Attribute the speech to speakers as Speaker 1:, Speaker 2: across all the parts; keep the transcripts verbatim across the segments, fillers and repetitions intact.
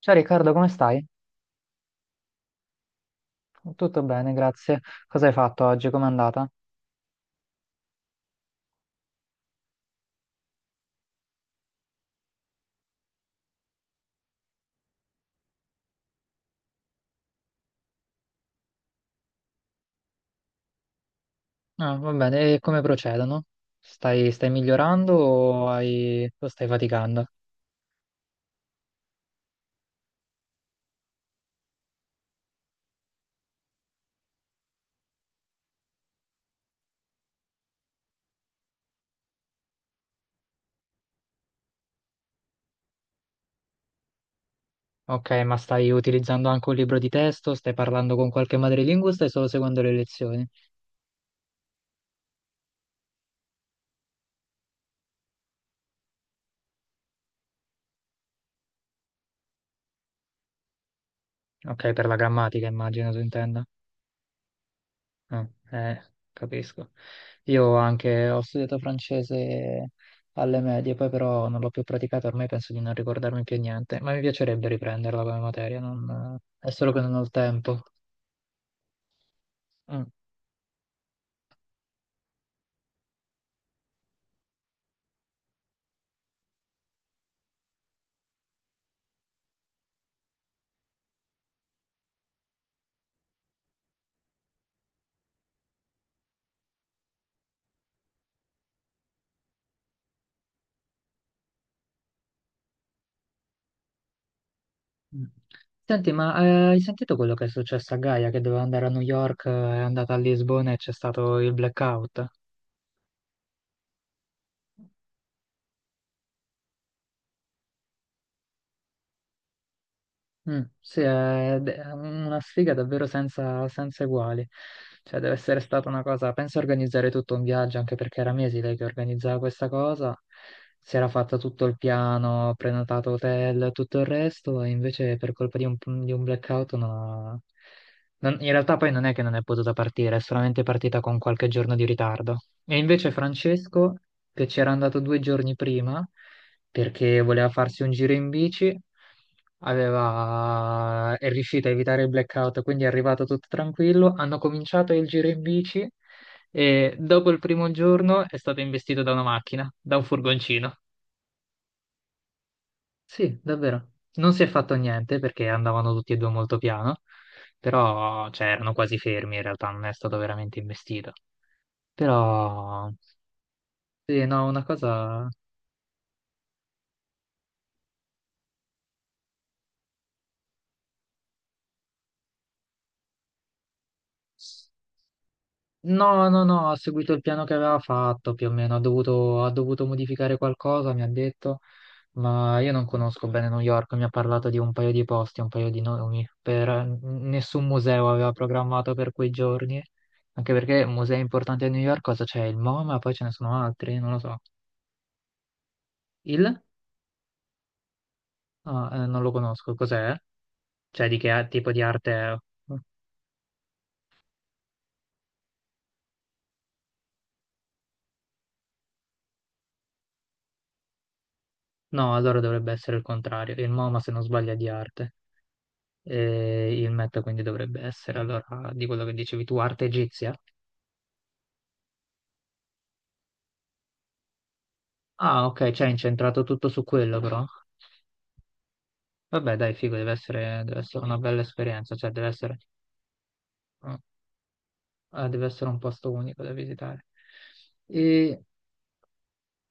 Speaker 1: Ciao Riccardo, come stai? Tutto bene, grazie. Cosa hai fatto oggi? Com'è andata? Ah, va bene, e come procedono? Stai, stai migliorando o, hai- o stai faticando? Ok, ma stai utilizzando anche un libro di testo? Stai parlando con qualche madrelingua o stai solo seguendo le lezioni? Ok, per la grammatica immagino tu intenda. Mm, eh, capisco. Io anche ho studiato francese alle medie, poi però non l'ho più praticato, ormai penso di non ricordarmi più niente, ma mi piacerebbe riprenderla come materia, non- è solo che non ho il tempo. Mm, mm. Senti, ma eh, hai sentito quello che è successo a Gaia che doveva andare a New York, eh, è andata a Lisbona e c'è stato il blackout? Mm, sì, è d- è una sfiga davvero senza, senza uguali. Cioè, deve essere stata una cosa. Penso a organizzare tutto un viaggio, anche perché era mesi lei che organizzava questa cosa. Si era fatta tutto il piano, prenotato hotel, tutto il resto, e invece per colpa di un, di un blackout non ha- non- in realtà poi non è che non è potuta partire, è solamente partita con qualche giorno di ritardo. E invece Francesco, che c'era andato due giorni prima, perché voleva farsi un giro in bici, aveva- è riuscito a evitare il blackout, quindi è arrivato tutto tranquillo. Hanno cominciato il giro in bici e dopo il primo giorno è stato investito da una macchina, da un furgoncino. Sì, davvero. Non si è fatto niente perché andavano tutti e due molto piano, però cioè, erano quasi fermi in realtà, non è stato veramente investito. Però sì, no, una cosa... No, no, no, ha seguito il piano che aveva fatto più o meno, ha dovuto, ha dovuto modificare qualcosa, mi ha detto. Ma io non conosco bene New York, mi ha parlato di un paio di posti, un paio di nomi, per n- nessun museo aveva programmato per quei giorni, anche perché musei importanti a New York, cosa c'è? Il MoMA, poi ce ne sono altri, non lo so. Il? Ah, eh, non lo conosco, cos'è? Cioè di che a- tipo di arte è? No, allora dovrebbe essere il contrario, il MoMA se non sbaglio è di arte, e il Met quindi dovrebbe essere, allora, di quello che dicevi tu, arte egizia? Ah, ok, cioè è incentrato tutto su quello però. Vabbè, dai, figo, deve essere, deve essere una bella esperienza, cioè deve essere, eh, eh, deve essere un posto unico da visitare. E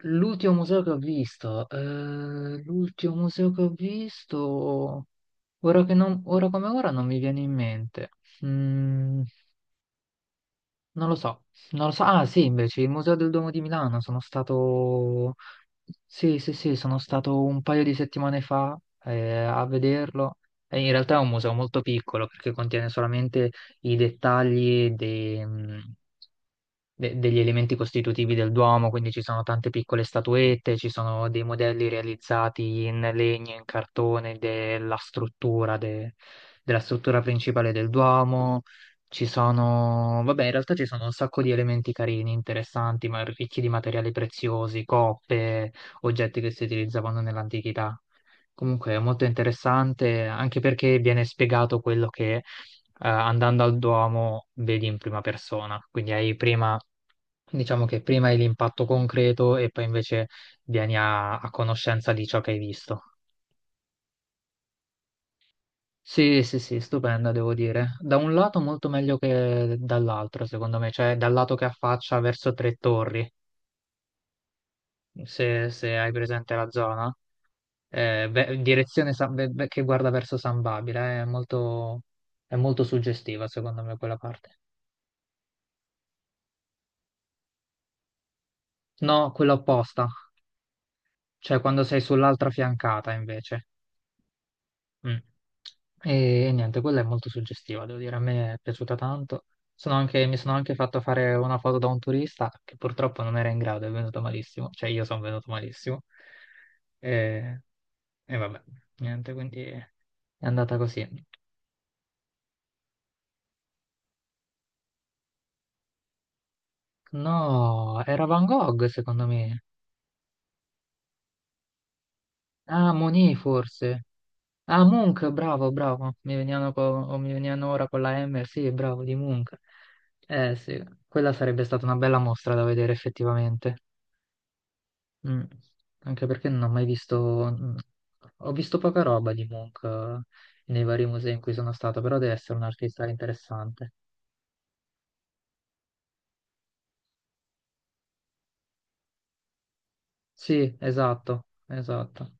Speaker 1: l'ultimo museo che ho visto, eh, l'ultimo museo che ho visto, ora che non- ora come ora non mi viene in mente. Mm, non lo so, non lo so. Ah, sì, invece, il Museo del Duomo di Milano, sono stato... Sì, sì, sì, sono stato un paio di settimane fa eh, a vederlo. E in realtà è un museo molto piccolo perché contiene solamente i dettagli dei, de- degli elementi costitutivi del Duomo, quindi ci sono tante piccole statuette, ci sono dei modelli realizzati in legno, in cartone della struttura, de- della struttura principale del Duomo. Ci sono, vabbè, in realtà ci sono un sacco di elementi carini, interessanti, ma ricchi di materiali preziosi, coppe, oggetti che si utilizzavano nell'antichità. Comunque è molto interessante, anche perché viene spiegato quello che eh, andando al Duomo vedi in prima persona, quindi hai prima diciamo che prima hai l'impatto concreto e poi invece vieni a, a conoscenza di ciò che hai visto. Sì, sì, sì, stupenda, devo dire. Da un lato molto meglio che dall'altro, secondo me, cioè dal lato che affaccia verso Tre Torri, se, se hai presente la zona. Eh, beh, direzione San- beh, beh, che guarda verso San Babila, eh, è molto, è molto suggestiva, secondo me, quella parte. No, quella opposta, cioè quando sei sull'altra fiancata, invece. Mm. E e niente, quella è molto suggestiva, devo dire, a me è piaciuta tanto. Sono anche- mi sono anche fatto fare una foto da un turista che purtroppo non era in grado, è venuto malissimo, cioè io sono venuto malissimo. E, e vabbè, niente, quindi è andata così. No, era Van Gogh secondo me. Ah, Monet forse. Ah, Munch, bravo, bravo. Mi venivano, co- o mi venivano ora con la M, sì, bravo, di Munch. Eh sì, quella sarebbe stata una bella mostra da vedere effettivamente. Mm. Anche perché non ho mai visto, mm, ho visto poca roba di Munch eh, nei vari musei in cui sono stato, però deve essere un artista interessante. Sì, esatto, esatto.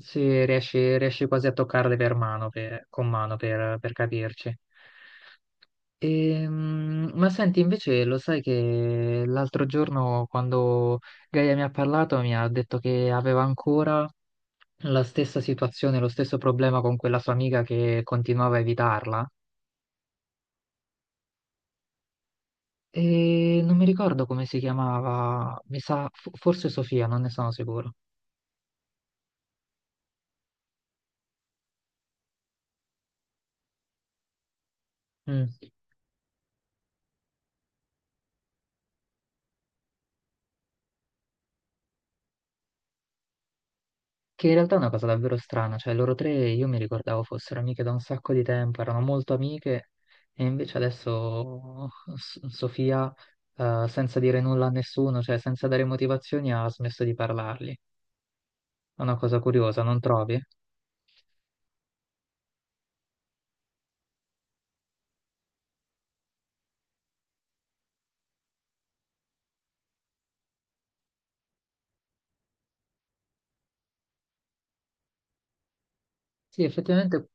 Speaker 1: Sì, riesci, riesci quasi a toccarle per mano, per- con mano per, per capirci. Ehm, ma senti, invece lo sai che l'altro giorno quando Gaia mi ha parlato mi ha detto che aveva ancora la stessa situazione, lo stesso problema con quella sua amica che continuava a evitarla? E non mi ricordo come si chiamava, mi sa, fo- forse Sofia, non ne sono sicuro. Mm. Che in realtà è una cosa davvero strana, cioè loro tre io mi ricordavo fossero amiche da un sacco di tempo, erano molto amiche e invece adesso S- Sofia, eh, senza dire nulla a nessuno, cioè senza dare motivazioni, ha smesso di parlargli. È una cosa curiosa, non trovi? Sì, effettivamente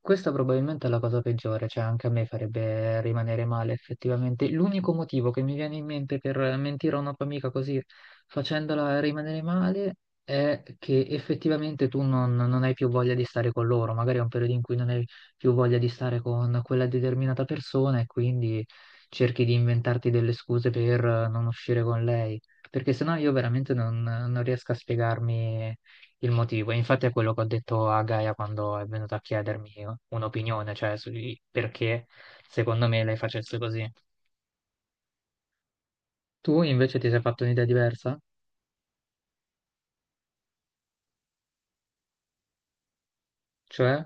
Speaker 1: questa probabilmente è la cosa peggiore, cioè anche a me farebbe rimanere male effettivamente. L'unico motivo che mi viene in mente per mentire a una tua amica così facendola rimanere male è che effettivamente tu non, non hai più voglia di stare con loro, magari è un periodo in cui non hai più voglia di stare con quella determinata persona e quindi cerchi di inventarti delle scuse per eh, non uscire con lei, perché sennò io veramente non non riesco a spiegarmi il motivo. E infatti è quello che ho detto a Gaia quando è venuto a chiedermi un'opinione, cioè sui perché secondo me lei facesse così. Tu invece ti sei fatto un'idea diversa? Cioè?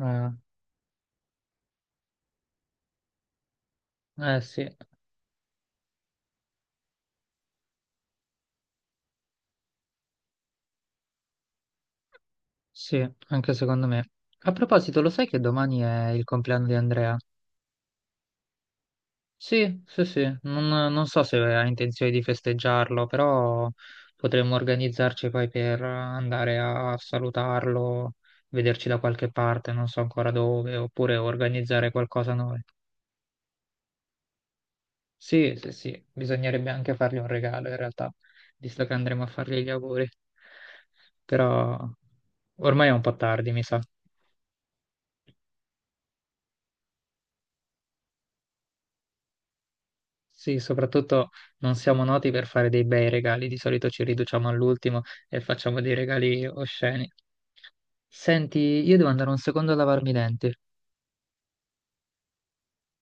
Speaker 1: Eh, eh, sì, sì, anche secondo me. A proposito, lo sai che domani è il compleanno di Andrea? Sì, sì, sì, non, non so se ha intenzione di festeggiarlo, però potremmo organizzarci poi per andare a salutarlo, vederci da qualche parte, non so ancora dove, oppure organizzare qualcosa noi. Sì, sì, sì, bisognerebbe anche fargli un regalo in realtà, visto che andremo a fargli gli auguri, però ormai è un po' tardi, mi sa. Sì, soprattutto non siamo noti per fare dei bei regali, di solito ci riduciamo all'ultimo e facciamo dei regali osceni. Senti, io devo andare un secondo a lavarmi i denti.